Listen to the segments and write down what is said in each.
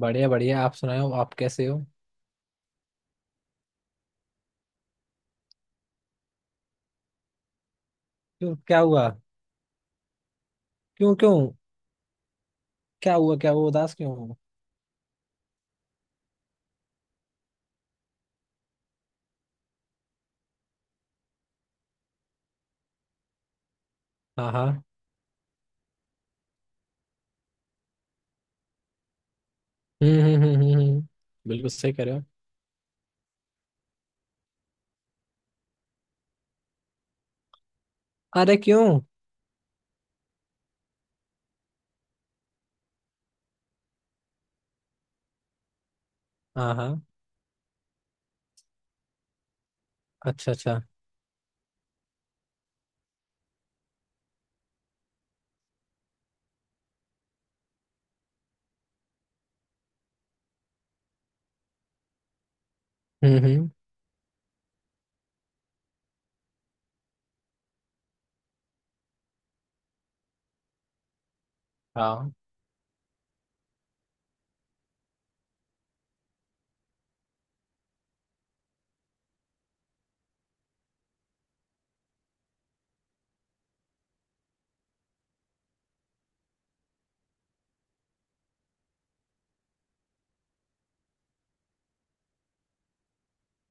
बढ़िया बढ़िया, आप सुनाओ। आप कैसे हो? क्यों? क्या हुआ? क्यों क्यों? क्या हुआ? क्या हुआ, उदास क्यों हो? हाँ हाँ। हम्म हम्म हम्म हम्म हम्म, बिल्कुल सही कह रहे हो। अरे क्यों? हाँ हाँ। अच्छा अच्छा। हम्म। हाँ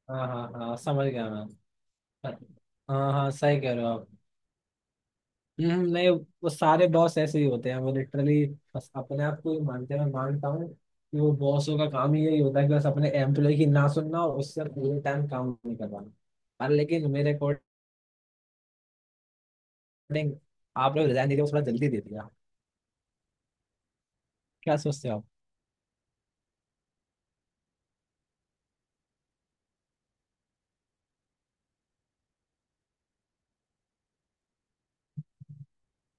हाँ हाँ हाँ, समझ गया मैं। हाँ हाँ, सही कह रहे हो आप। नहीं, वो सारे बॉस ऐसे ही होते हैं, वो लिटरली बस अपने आप को ही मानते हैं। मैं मानता हूँ कि वो बॉसों का काम ही यही होता है कि बस अपने एम्प्लॉय की ना सुनना और उससे पूरे टाइम काम नहीं करवाना। पर लेकिन मेरे अकॉर्डिंग, रिकॉर्डिंग, आप लोग रिजाइन दे दिया, वो थोड़ा जल्दी दे दिया। क्या सोचते हो आप?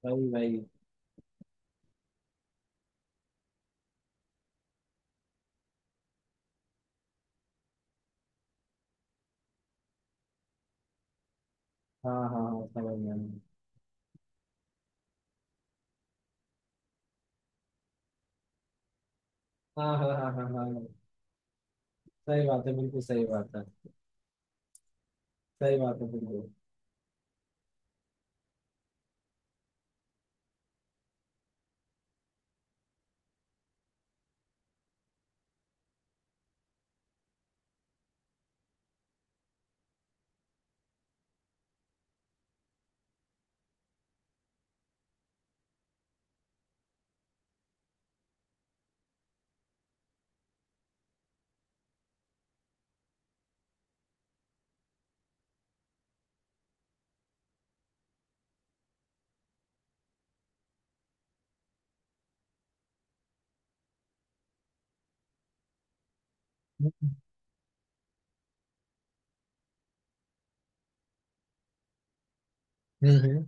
भाई भाई। हाँ हाँ हाँ, समझ गया मैं। हाँ हाँ हाँ हाँ हाँ हाँ, सही बात है, बिल्कुल सही बात है। सही बात है बिल्कुल। हम्म हम्म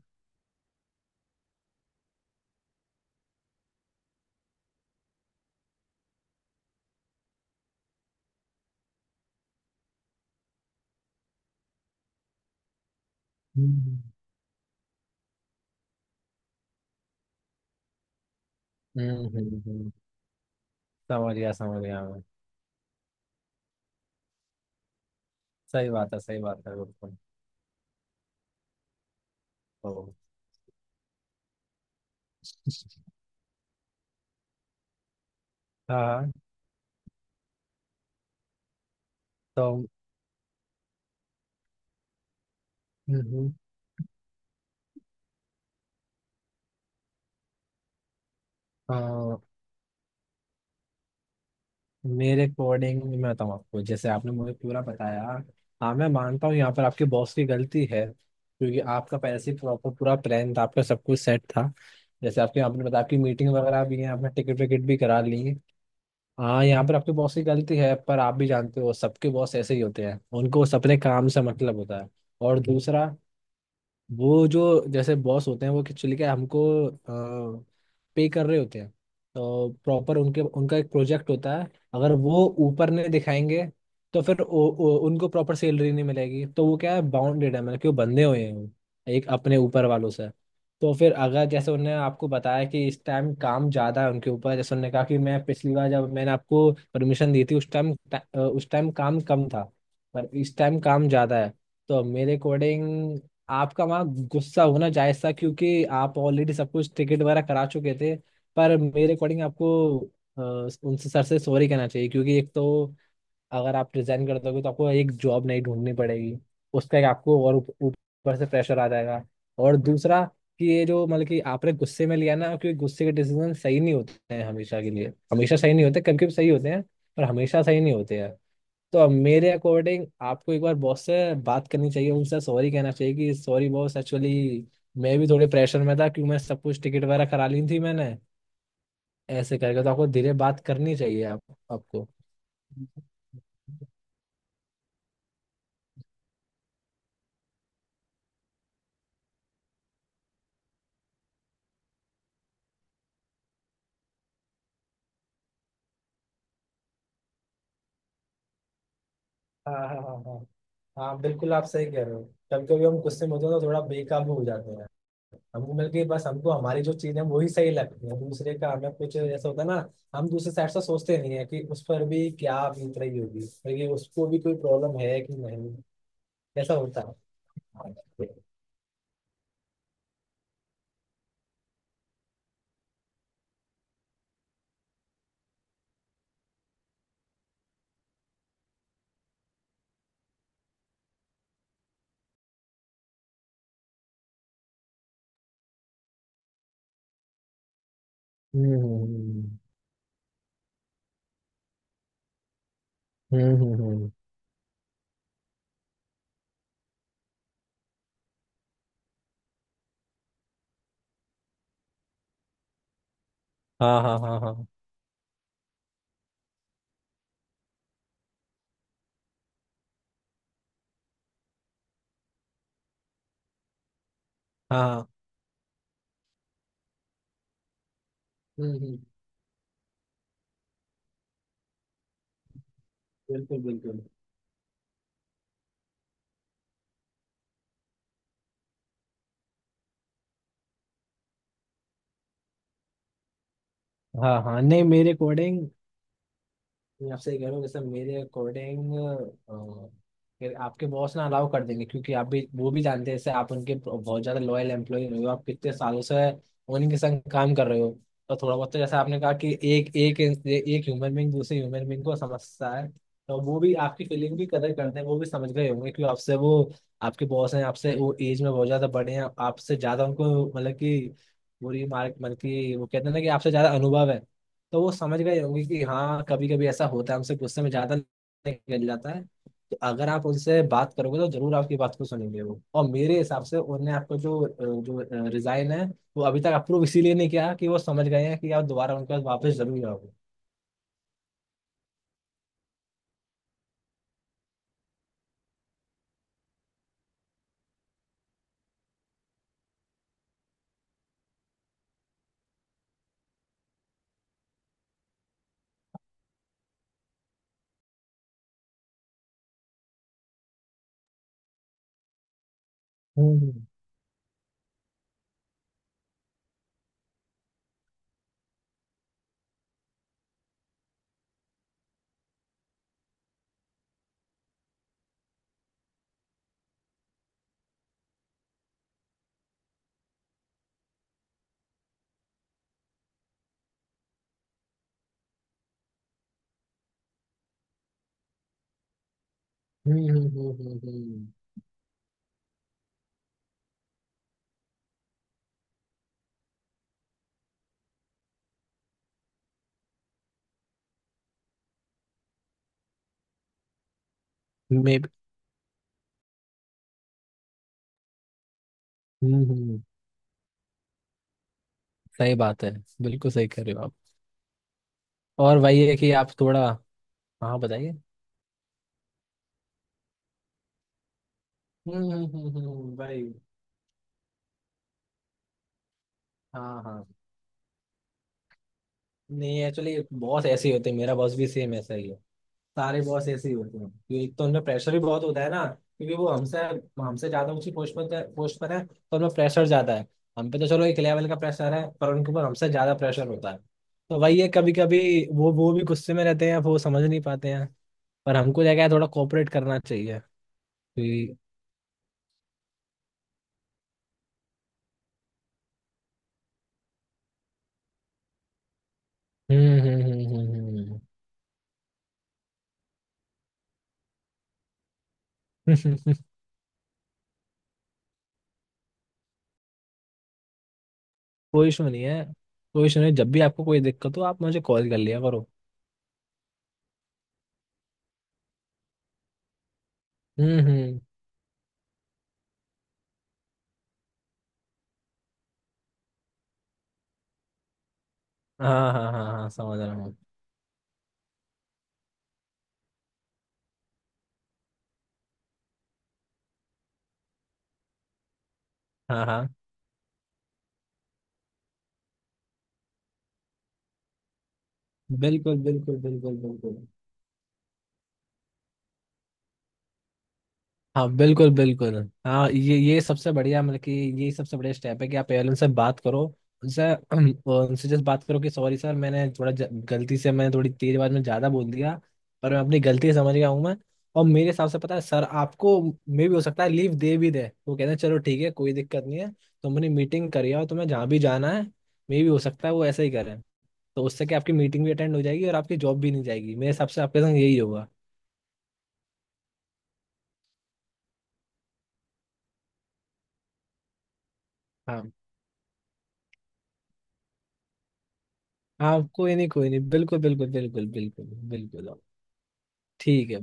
हम्म, हम्म, हम्म, हम्म, समझ गया मैं। सही बात है, सही बात है बिल्कुल। तो हाँ हाँ। तो हम्म। हाँ। मेरे अकॉर्डिंग मैं बताऊँ आपको, जैसे आपने मुझे पूरा बताया। हाँ, मैं मानता हूँ यहाँ पर आपकी बॉस की गलती है, क्योंकि आपका पहले से प्रॉपर पूरा प्लान था, आपका सब कुछ सेट था। जैसे आपके आपने बताया, आपकी मीटिंग वगैरह भी है, आपने टिकट विकेट भी करा ली है। हाँ, यहाँ पर आपके बॉस की गलती है, पर आप भी जानते हो सबके बॉस ऐसे ही होते हैं, उनको सब अपने काम से मतलब होता है। और दूसरा, वो जो जैसे बॉस होते हैं, वो एक्चुअली क्या हमको पे कर रहे होते हैं, तो प्रॉपर उनके उनका एक प्रोजेक्ट होता है। अगर वो ऊपर नहीं दिखाएंगे, तो फिर ओ, ओ, उनको प्रॉपर सैलरी नहीं मिलेगी, तो वो क्या है, बाउंडेड है, मतलब कि वो बंधे हुए हैं, वो एक अपने ऊपर वालों से। तो फिर अगर जैसे उन्होंने आपको बताया कि इस टाइम काम ज़्यादा है उनके ऊपर, जैसे उन्होंने कहा कि मैं पिछली बार जब मैंने आपको परमिशन दी थी उस टाइम काम कम था, पर इस टाइम काम ज़्यादा है। तो मेरे अकॉर्डिंग आपका वहाँ गुस्सा होना जायज था, क्योंकि आप ऑलरेडी सब कुछ टिकट वगैरह करा चुके थे। पर मेरे अकॉर्डिंग आपको अ, उनसे, सर से, सॉरी कहना चाहिए, क्योंकि एक तो अगर आप रिजाइन कर दोगे तो आपको एक जॉब नहीं ढूंढनी पड़ेगी, उसका एक आपको, और ऊपर से प्रेशर आ जाएगा। और दूसरा कि ये जो मतलब कि आपने गुस्से में लिया ना, क्योंकि गुस्से के डिसीजन सही नहीं होते हैं हमेशा के लिए, हमेशा सही नहीं होते, कभी कभी सही होते हैं, पर हमेशा सही नहीं होते हैं। तो अब मेरे अकॉर्डिंग आपको एक बार बॉस से बात करनी चाहिए, उनसे सॉरी कहना चाहिए कि सॉरी बॉस, एक्चुअली मैं भी थोड़े प्रेशर में था, क्योंकि मैं सब कुछ टिकट वगैरह करा ली थी मैंने। ऐसे करके तो आपको धीरे बात करनी चाहिए आप आपको। हाँ हाँ हाँ हाँ हाँ, बिल्कुल आप सही कह रहे हो। कभी कभी हम गुस्से में होते हैं तो थोड़ा बेकाबू हो जाते हैं। हमको मिलके बस, हमको हमारी जो चीज़ है वही सही लगती है, दूसरे का हमें कुछ, ऐसा होता है ना। हम दूसरे साइड से सोचते नहीं है कि उस पर भी क्या बीत रही होगी, और ये उसको भी कोई प्रॉब्लम है कि नहीं, कैसा उड़ता है। हम्म हम्म हम्म। हाँ हाँ हाँ हाँ हाँ। हम्म। बिल्कुल बिल्कुल। हाँ हाँ, नहीं, मेरे अकॉर्डिंग, मैं आपसे ये कह रहा हूँ, जैसे मेरे अकॉर्डिंग फिर आपके बॉस ना अलाउ कर देंगे, क्योंकि आप भी, वो भी जानते हैं, जैसे आप उनके बहुत ज्यादा लॉयल एम्प्लॉय रहे हो, आप कितने सालों से उन्हीं के संग काम कर रहे हो। तो थोड़ा बहुत तो, जैसे आपने कहा कि एक एक एक ह्यूमन बींग दूसरे ह्यूमन बींग को समझता है, तो वो भी आपकी फीलिंग भी कदर करते हैं, वो भी समझ गए होंगे, क्योंकि आपसे वो आपके बॉस हैं, आपसे वो एज में बहुत ज्यादा बड़े हैं, आपसे ज्यादा उनको मतलब कि बुरी मार्क, मतलब कि वो कहते हैं ना कि आपसे ज्यादा अनुभव है। तो वो समझ गए होंगे कि हाँ, कभी कभी ऐसा होता है, हमसे गुस्से में ज्यादा निकल जाता है। तो अगर आप उनसे बात करोगे तो जरूर आपकी बात को सुनेंगे वो, और मेरे हिसाब से उन्होंने आपको जो रिजाइन है, वो अभी तक अप्रूव इसीलिए नहीं किया कि वो समझ गए हैं कि आप दोबारा उनके पास वापस जरूर आओगे। हम्म हम्म हम्म मे हम्म हम्म, सही बात है, बिल्कुल सही कर रहे हो आप। और वही है कि आप थोड़ा, हाँ बताइए। भाई। हाँ हाँ, नहीं एक्चुअली बॉस ऐसे ही होते हैं, मेरा बॉस भी सेम ऐसा ही है। सारे बॉस ऐसे ही होते हैं कि एक तो उनमें प्रेशर भी बहुत होता है ना, क्योंकि वो हमसे हमसे ज्यादा ऊंची पोस्ट पर है, तो उनमें प्रेशर ज्यादा है। हम पे तो चलो एक लेवल का प्रेशर है, पर उनके ऊपर हमसे ज्यादा प्रेशर होता है। तो वही है, कभी कभी वो भी गुस्से में रहते हैं, वो समझ नहीं पाते हैं। पर हमको जगह थोड़ा कोऑपरेट करना चाहिए, कि- हम्म हम्म हम्म हम्म हम्म। हम्म। कोई इशू नहीं है, कोई इशू नहीं, जब भी आपको कोई दिक्कत हो आप मुझे कॉल कर लिया करो। हम्म। हाँ हाँ हाँ हाँ, समझ रहा हूँ। हाँ हाँ, बिल्कुल बिल्कुल बिल्कुल बिल्कुल। हाँ बिल्कुल बिल्कुल। हाँ, ये सबसे बढ़िया, मतलब कि ये सबसे बढ़िया स्टेप है कि आप पेरेंट्स से बात करो, उनसे उनसे जस्ट बात करो कि सॉरी सर, मैंने थोड़ा गलती से मैंने थोड़ी तेज आवाज में ज़्यादा बोल दिया, पर मैं अपनी गलती समझ गया हूँ मैं। और मेरे हिसाब से, पता है सर आपको, मे भी हो सकता है लीव दे भी दे, वो कहते हैं चलो ठीक है कोई दिक्कत नहीं है, तुम अपनी मीटिंग कर आओ, तुम्हें जहाँ भी जाना है। मे भी हो सकता है वो ऐसा ही करें। तो उससे क्या, आपकी मीटिंग भी अटेंड हो जाएगी और आपकी जॉब भी नहीं जाएगी, मेरे हिसाब से आपके संग यही होगा। हाँ। हाँ, कोई नहीं कोई नहीं, बिल्कुल बिल्कुल बिल्कुल बिल्कुल बिल्कुल। ठीक।